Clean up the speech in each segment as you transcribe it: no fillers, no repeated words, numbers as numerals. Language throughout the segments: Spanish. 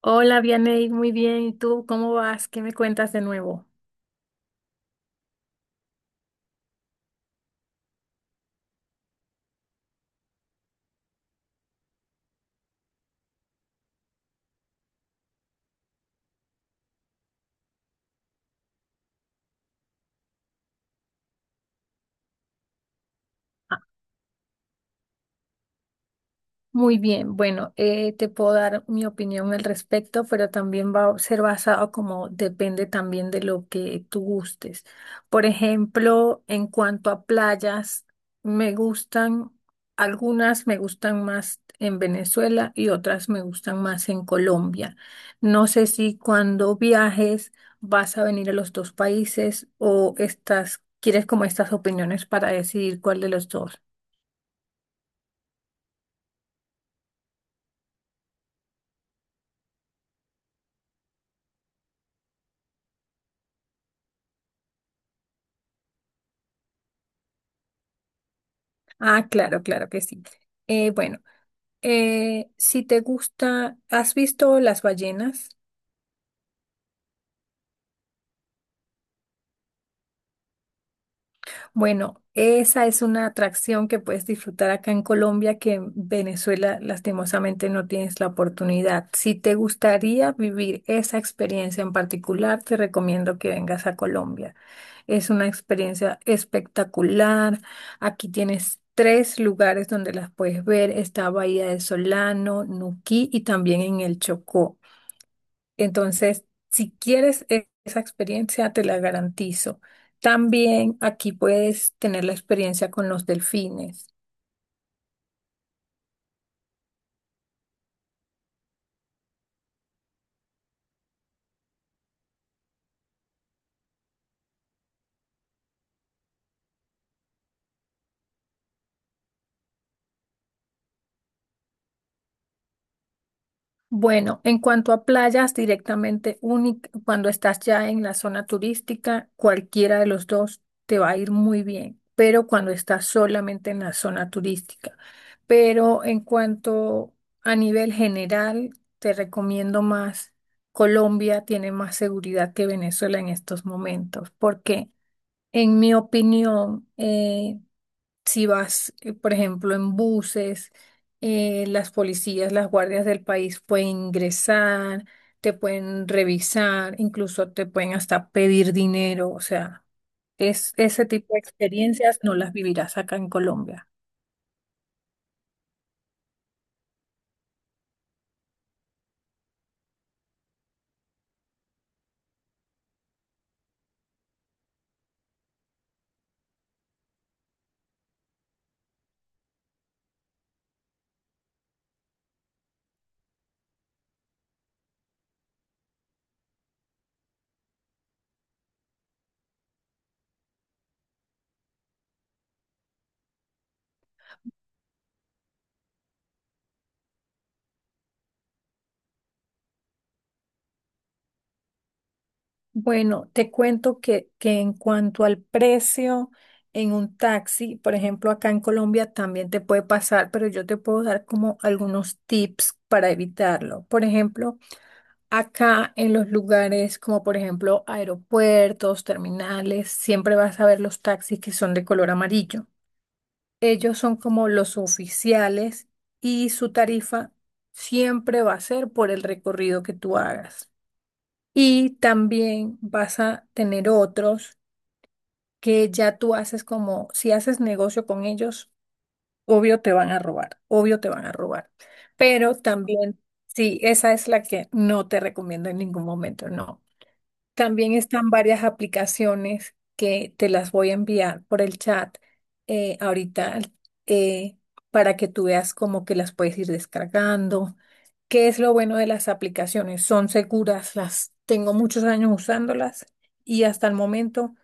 Hola, Vianey, muy bien. ¿Y tú cómo vas? ¿Qué me cuentas de nuevo? Muy bien, bueno, te puedo dar mi opinión al respecto, pero también va a ser basado como depende también de lo que tú gustes. Por ejemplo, en cuanto a playas, me gustan, algunas me gustan más en Venezuela y otras me gustan más en Colombia. No sé si cuando viajes vas a venir a los dos países o estás, quieres como estas opiniones para decidir cuál de los dos. Ah, claro, claro que sí. Bueno. Si te gusta, ¿has visto las ballenas? Bueno, esa es una atracción que puedes disfrutar acá en Colombia, que en Venezuela lastimosamente no tienes la oportunidad. Si te gustaría vivir esa experiencia en particular, te recomiendo que vengas a Colombia. Es una experiencia espectacular. Aquí tienes tres lugares donde las puedes ver. Está Bahía de Solano, Nuquí y también en el Chocó. Entonces, si quieres esa experiencia, te la garantizo. También aquí puedes tener la experiencia con los delfines. Bueno, en cuanto a playas directamente única, cuando estás ya en la zona turística, cualquiera de los dos te va a ir muy bien, pero cuando estás solamente en la zona turística. Pero en cuanto a nivel general, te recomiendo más. Colombia tiene más seguridad que Venezuela en estos momentos. ¿Por qué? En mi opinión, si vas, por ejemplo, en buses, las policías, las guardias del país pueden ingresar, te pueden revisar, incluso te pueden hasta pedir dinero. O sea, es, ese tipo de experiencias no las vivirás acá en Colombia. Bueno, te cuento que en cuanto al precio en un taxi, por ejemplo, acá en Colombia también te puede pasar, pero yo te puedo dar como algunos tips para evitarlo. Por ejemplo, acá en los lugares como por ejemplo aeropuertos, terminales, siempre vas a ver los taxis que son de color amarillo. Ellos son como los oficiales y su tarifa siempre va a ser por el recorrido que tú hagas. Y también vas a tener otros que ya tú haces como, si haces negocio con ellos, obvio te van a robar, obvio te van a robar. Pero también, sí, esa es la que no te recomiendo en ningún momento, no. También están varias aplicaciones que te las voy a enviar por el chat ahorita eh, para que tú veas como que las puedes ir descargando. ¿Qué es lo bueno de las aplicaciones? Son seguras, las tengo muchos años usándolas y hasta el momento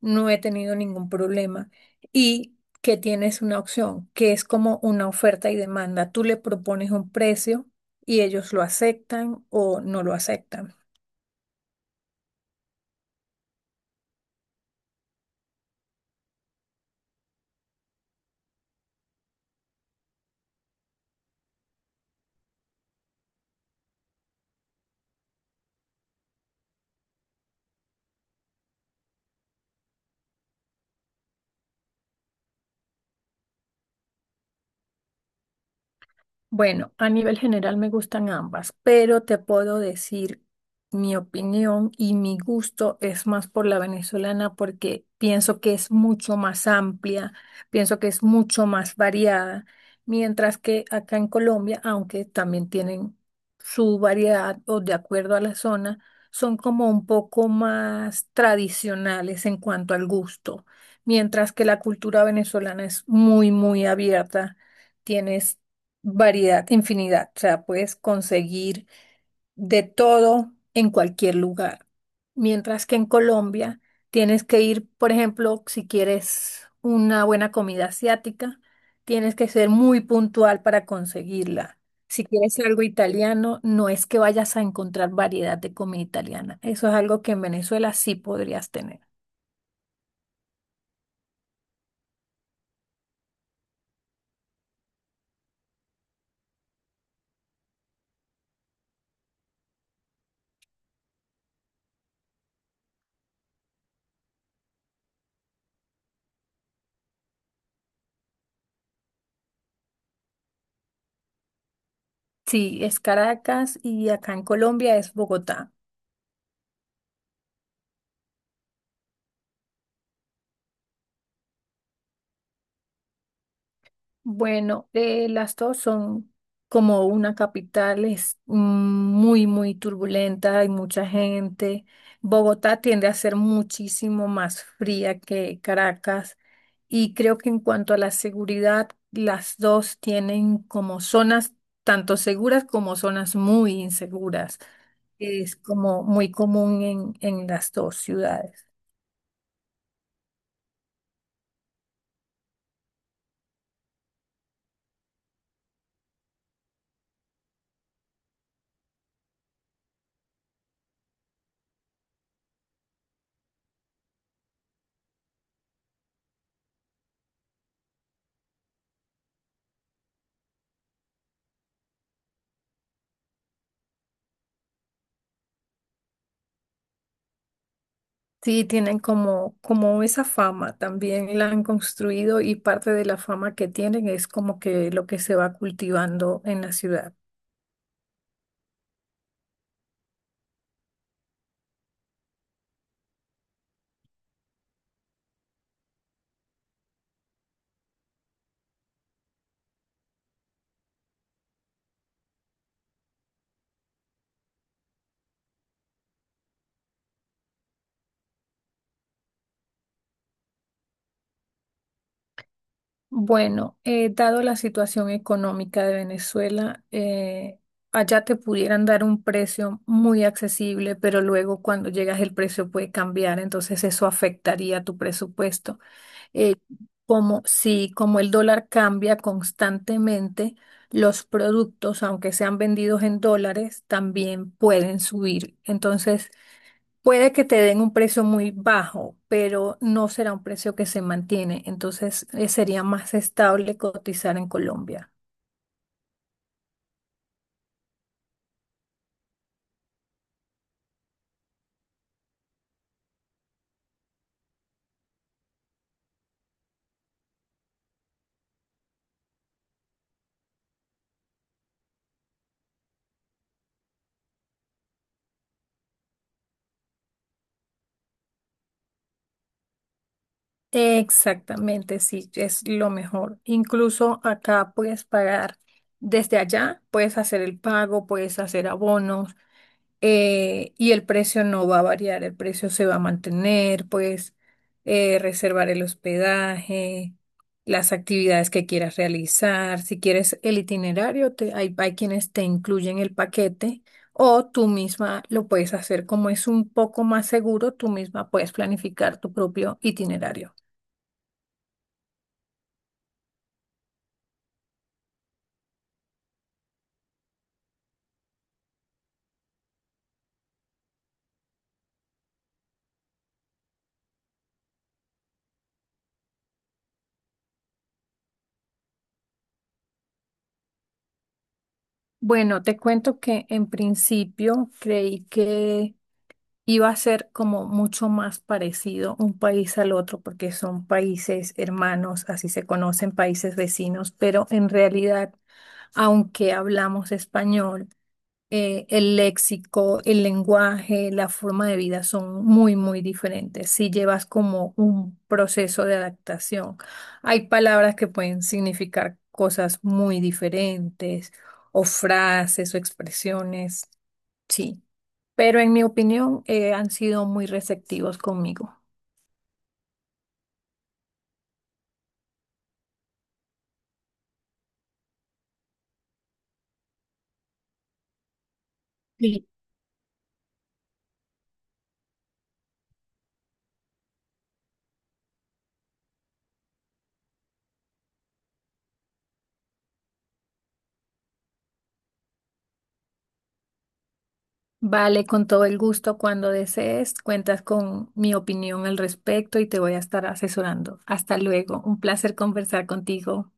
no he tenido ningún problema. Y que tienes una opción, que es como una oferta y demanda. Tú le propones un precio y ellos lo aceptan o no lo aceptan. Bueno, a nivel general me gustan ambas, pero te puedo decir mi opinión y mi gusto es más por la venezolana porque pienso que es mucho más amplia, pienso que es mucho más variada, mientras que acá en Colombia, aunque también tienen su variedad o de acuerdo a la zona, son como un poco más tradicionales en cuanto al gusto, mientras que la cultura venezolana es muy, muy abierta. Tienes variedad, infinidad. O sea, puedes conseguir de todo en cualquier lugar. Mientras que en Colombia tienes que ir, por ejemplo, si quieres una buena comida asiática, tienes que ser muy puntual para conseguirla. Si quieres algo italiano, no es que vayas a encontrar variedad de comida italiana. Eso es algo que en Venezuela sí podrías tener. Sí, es Caracas y acá en Colombia es Bogotá. Bueno, las dos son como una capital, es mm, muy, muy turbulenta, hay mucha gente. Bogotá tiende a ser muchísimo más fría que Caracas y creo que en cuanto a la seguridad, las dos tienen como zonas tanto seguras como zonas muy inseguras. Es como muy común en las dos ciudades. Sí, tienen como, como esa fama, también la han construido y parte de la fama que tienen es como que lo que se va cultivando en la ciudad. Bueno, dado la situación económica de Venezuela, allá te pudieran dar un precio muy accesible, pero luego cuando llegas el precio puede cambiar, entonces eso afectaría tu presupuesto. eh, Como si como el dólar cambia constantemente, los productos, aunque sean vendidos en dólares, también pueden subir. Entonces, puede que te den un precio muy bajo, pero no será un precio que se mantiene. Entonces, sería más estable cotizar en Colombia. Exactamente, sí, es lo mejor. Incluso acá puedes pagar desde allá, puedes hacer el pago, puedes hacer abonos. Y el precio no va a variar, el precio se va a mantener, pues reservar el hospedaje, las actividades que quieras realizar, si quieres el itinerario, hay, hay quienes te incluyen el paquete o tú misma lo puedes hacer como es un poco más seguro, tú misma puedes planificar tu propio itinerario. Bueno, te cuento que en principio creí que iba a ser como mucho más parecido un país al otro porque son países hermanos, así se conocen países vecinos, pero en realidad, aunque hablamos español, el léxico, el lenguaje, la forma de vida son muy, muy diferentes. Si llevas como un proceso de adaptación, hay palabras que pueden significar cosas muy diferentes, o frases o expresiones sí, pero en mi opinión han sido muy receptivos conmigo. Sí. Vale, con todo el gusto cuando desees, cuentas con mi opinión al respecto y te voy a estar asesorando. Hasta luego, un placer conversar contigo.